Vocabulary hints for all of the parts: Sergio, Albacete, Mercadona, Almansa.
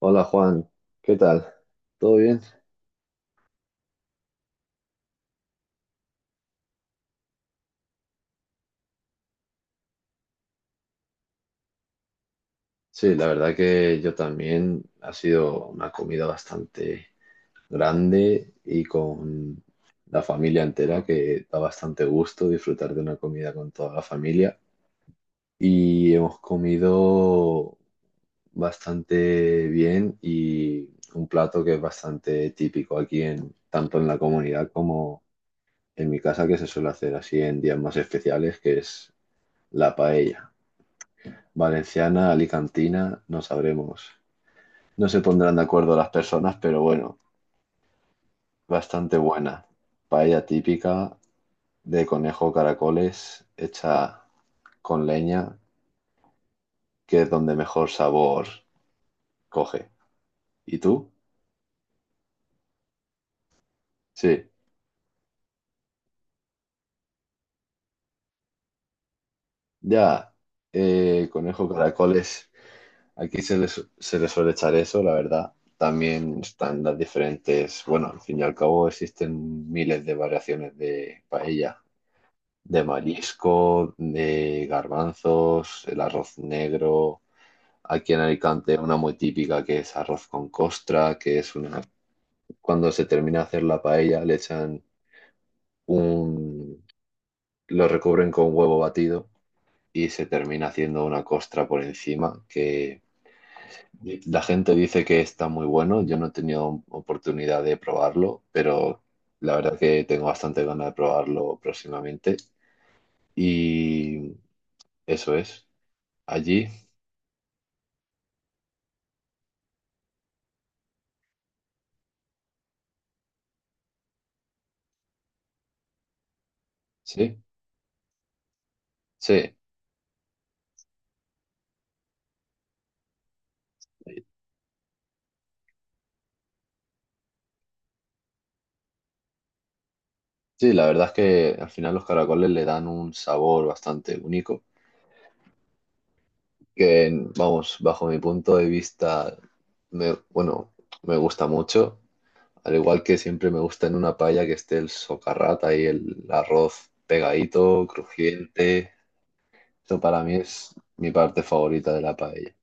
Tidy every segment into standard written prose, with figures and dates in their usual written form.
Hola Juan, ¿qué tal? ¿Todo bien? Sí, la verdad que yo también. Ha sido una comida bastante grande y con la familia entera, que da bastante gusto disfrutar de una comida con toda la familia. Y hemos comido bastante bien y un plato que es bastante típico aquí en tanto en la comunidad como en mi casa, que se suele hacer así en días más especiales, que es la paella. Valenciana, alicantina, no sabremos. No se pondrán de acuerdo las personas, pero bueno, bastante buena. Paella típica de conejo caracoles, hecha con leña, que es donde mejor sabor coge. ¿Y tú? Sí, ya, conejo caracoles. Aquí se les suele echar eso, la verdad. También están las diferentes, bueno, al fin y al cabo existen miles de variaciones de paella. De marisco, de garbanzos, el arroz negro. Aquí en Alicante una muy típica que es arroz con costra, que es una... Cuando se termina de hacer la paella le echan un... lo recubren con huevo batido y se termina haciendo una costra por encima que... La gente dice que está muy bueno, yo no he tenido oportunidad de probarlo, pero la verdad que tengo bastante ganas de probarlo próximamente. Y eso es. Allí. Sí, sí, sí, la verdad es que al final los caracoles le dan un sabor bastante único, que vamos, bajo mi punto de vista, me, bueno, me gusta mucho, al igual que siempre me gusta en una paella que esté el socarrat ahí, el arroz pegadito, crujiente, eso para mí es mi parte favorita de la paella.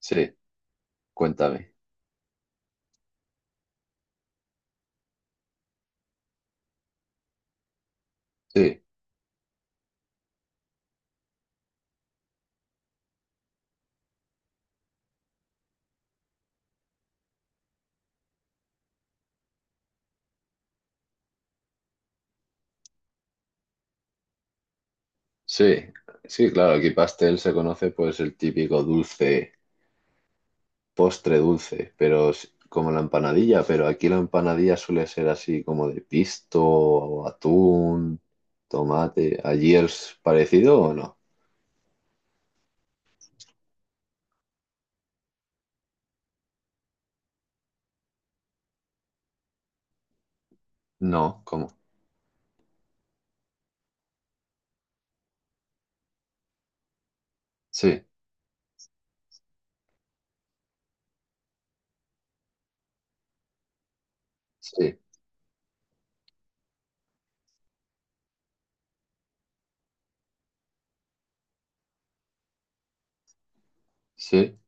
Sí, cuéntame. Sí, sí, sí, claro, aquí pastel se conoce pues el típico dulce postre dulce, pero es como la empanadilla, pero aquí la empanadilla suele ser así como de pisto o atún, tomate. ¿Allí es parecido o no? No, ¿cómo? Sí, sí, sí,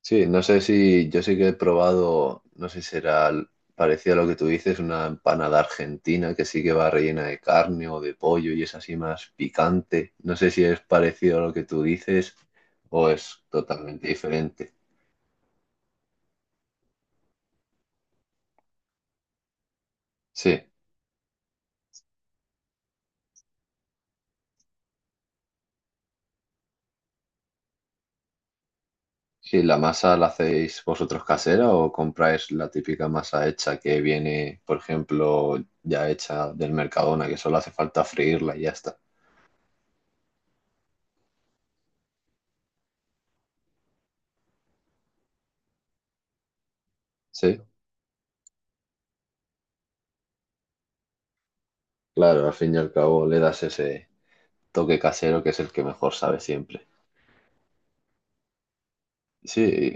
sí. No sé si yo sí que he probado, no sé si será parecido a lo que tú dices, una empanada argentina que sí que va rellena de carne o de pollo y es así más picante. No sé si es parecido a lo que tú dices o es totalmente diferente. Sí. ¿Y la masa la hacéis vosotros casera o compráis la típica masa hecha que viene, por ejemplo, ya hecha del Mercadona, que solo hace falta freírla y ya está? Sí, claro, al fin y al cabo le das ese toque casero que es el que mejor sabe siempre. Sí,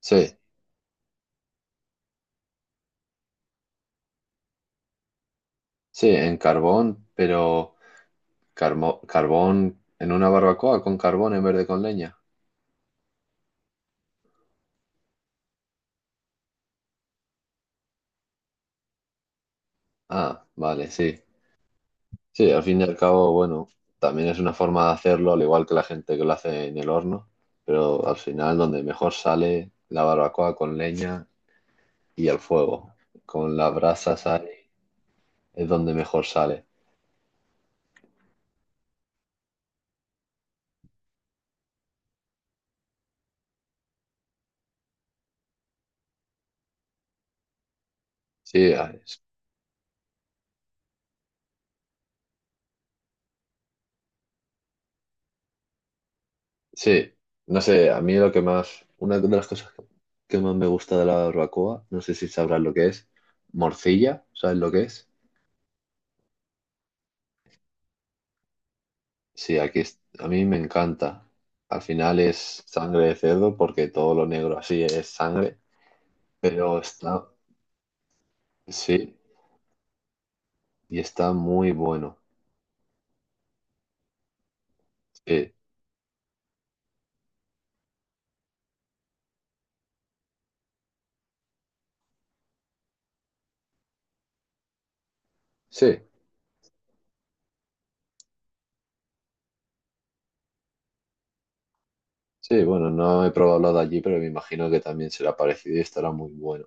sí, sí, en carbón, pero carbón en una barbacoa con carbón en vez de con leña. Ah, vale, sí. Sí, al fin y al cabo, bueno, también es una forma de hacerlo, al igual que la gente que lo hace en el horno, pero al final donde mejor sale la barbacoa con leña y al fuego, con las brasas ahí es donde mejor sale. Sí, a- sí, no sé, a mí lo que más, una de las cosas que más me gusta de la barbacoa, no sé si sabrás lo que es, morcilla, ¿sabes lo que es? Sí, aquí a mí me encanta. Al final es sangre de cerdo porque todo lo negro así es sangre. Pero está, sí, y está muy bueno. Sí, sí, sí, bueno, no he probado lo de allí, pero me imagino que también será parecido y estará muy bueno.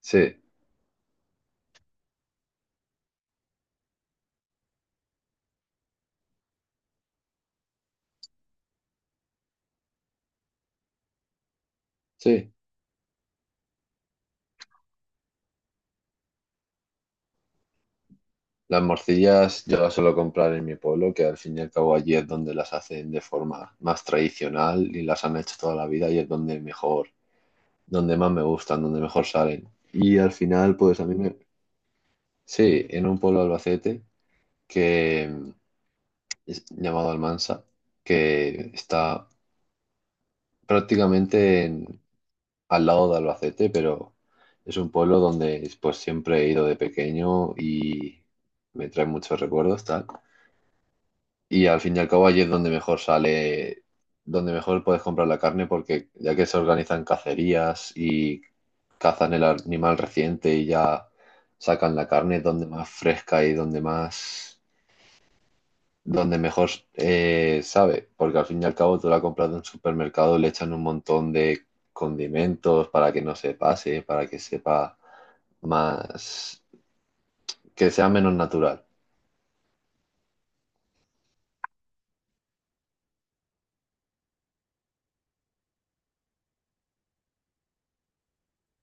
Sí, sí. Las morcillas yo las suelo comprar en mi pueblo, que al fin y al cabo allí es donde las hacen de forma más tradicional y las han hecho toda la vida y es donde mejor, donde más me gustan, donde mejor salen. Y al final, pues a mí me... Sí, en un pueblo de Albacete que es llamado Almansa, que está prácticamente al lado de Albacete, pero es un pueblo donde pues siempre he ido de pequeño y me trae muchos recuerdos, tal. Y al fin y al cabo allí es donde mejor sale, donde mejor puedes comprar la carne porque ya que se organizan cacerías y cazan el animal reciente y ya sacan la carne es donde más fresca y donde más donde mejor sabe, porque al fin y al cabo tú la compras de un supermercado, le echan un montón de condimentos para que no se pase, para que sepa más, que sea menos natural.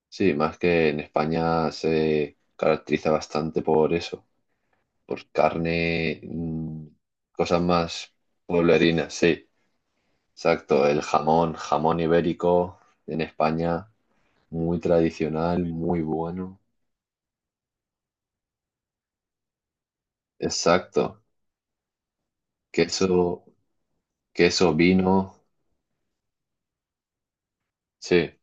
Sí, más que en España se caracteriza bastante por eso, por carne, cosas más pueblerinas, sí, exacto, el jamón, jamón ibérico en España, muy tradicional, muy bueno, exacto, queso. Queso, vino, sí.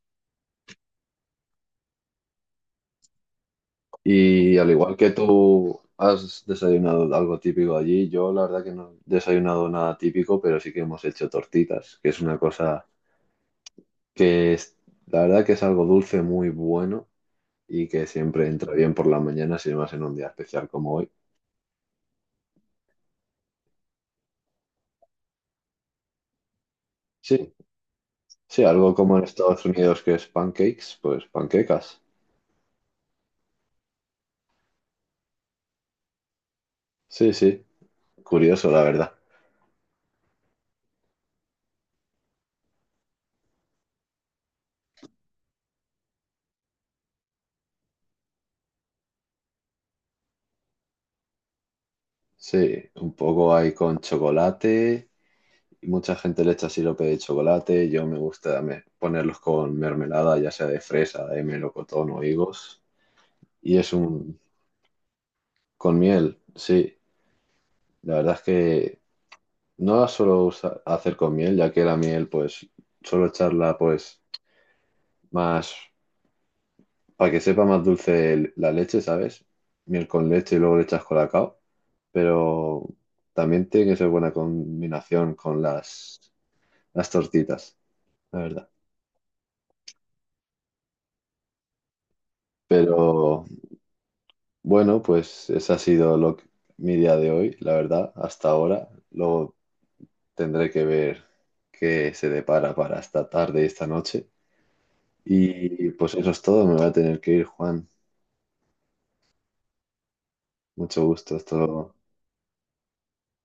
Y al igual que tú has desayunado algo típico allí, yo la verdad que no he desayunado nada típico, pero sí que hemos hecho tortitas, que es una cosa que es, la verdad que es algo dulce muy bueno y que siempre entra bien por la mañana, si más en un día especial como hoy. Sí, sí, algo como en Estados Unidos que es pancakes, pues panquecas. Sí, curioso la verdad. Sí, un poco hay con chocolate. Y mucha gente le echa sirope de chocolate. Yo me gusta ponerlos con mermelada, ya sea de fresa, de melocotón o higos. Y es un... con miel, sí. La verdad es que no la suelo hacer con miel, ya que la miel, pues, suelo echarla, pues, más... para que sepa más dulce la leche, ¿sabes? Miel con leche y luego le echas colacao. Pero también tiene que ser buena combinación con las tortitas, la verdad. Pero... Bueno, pues ese ha sido mi día de hoy, la verdad, hasta ahora. Luego tendré que ver qué se depara para esta tarde, y esta noche. Y pues eso es todo, me voy a tener que ir, Juan. Mucho gusto, esto.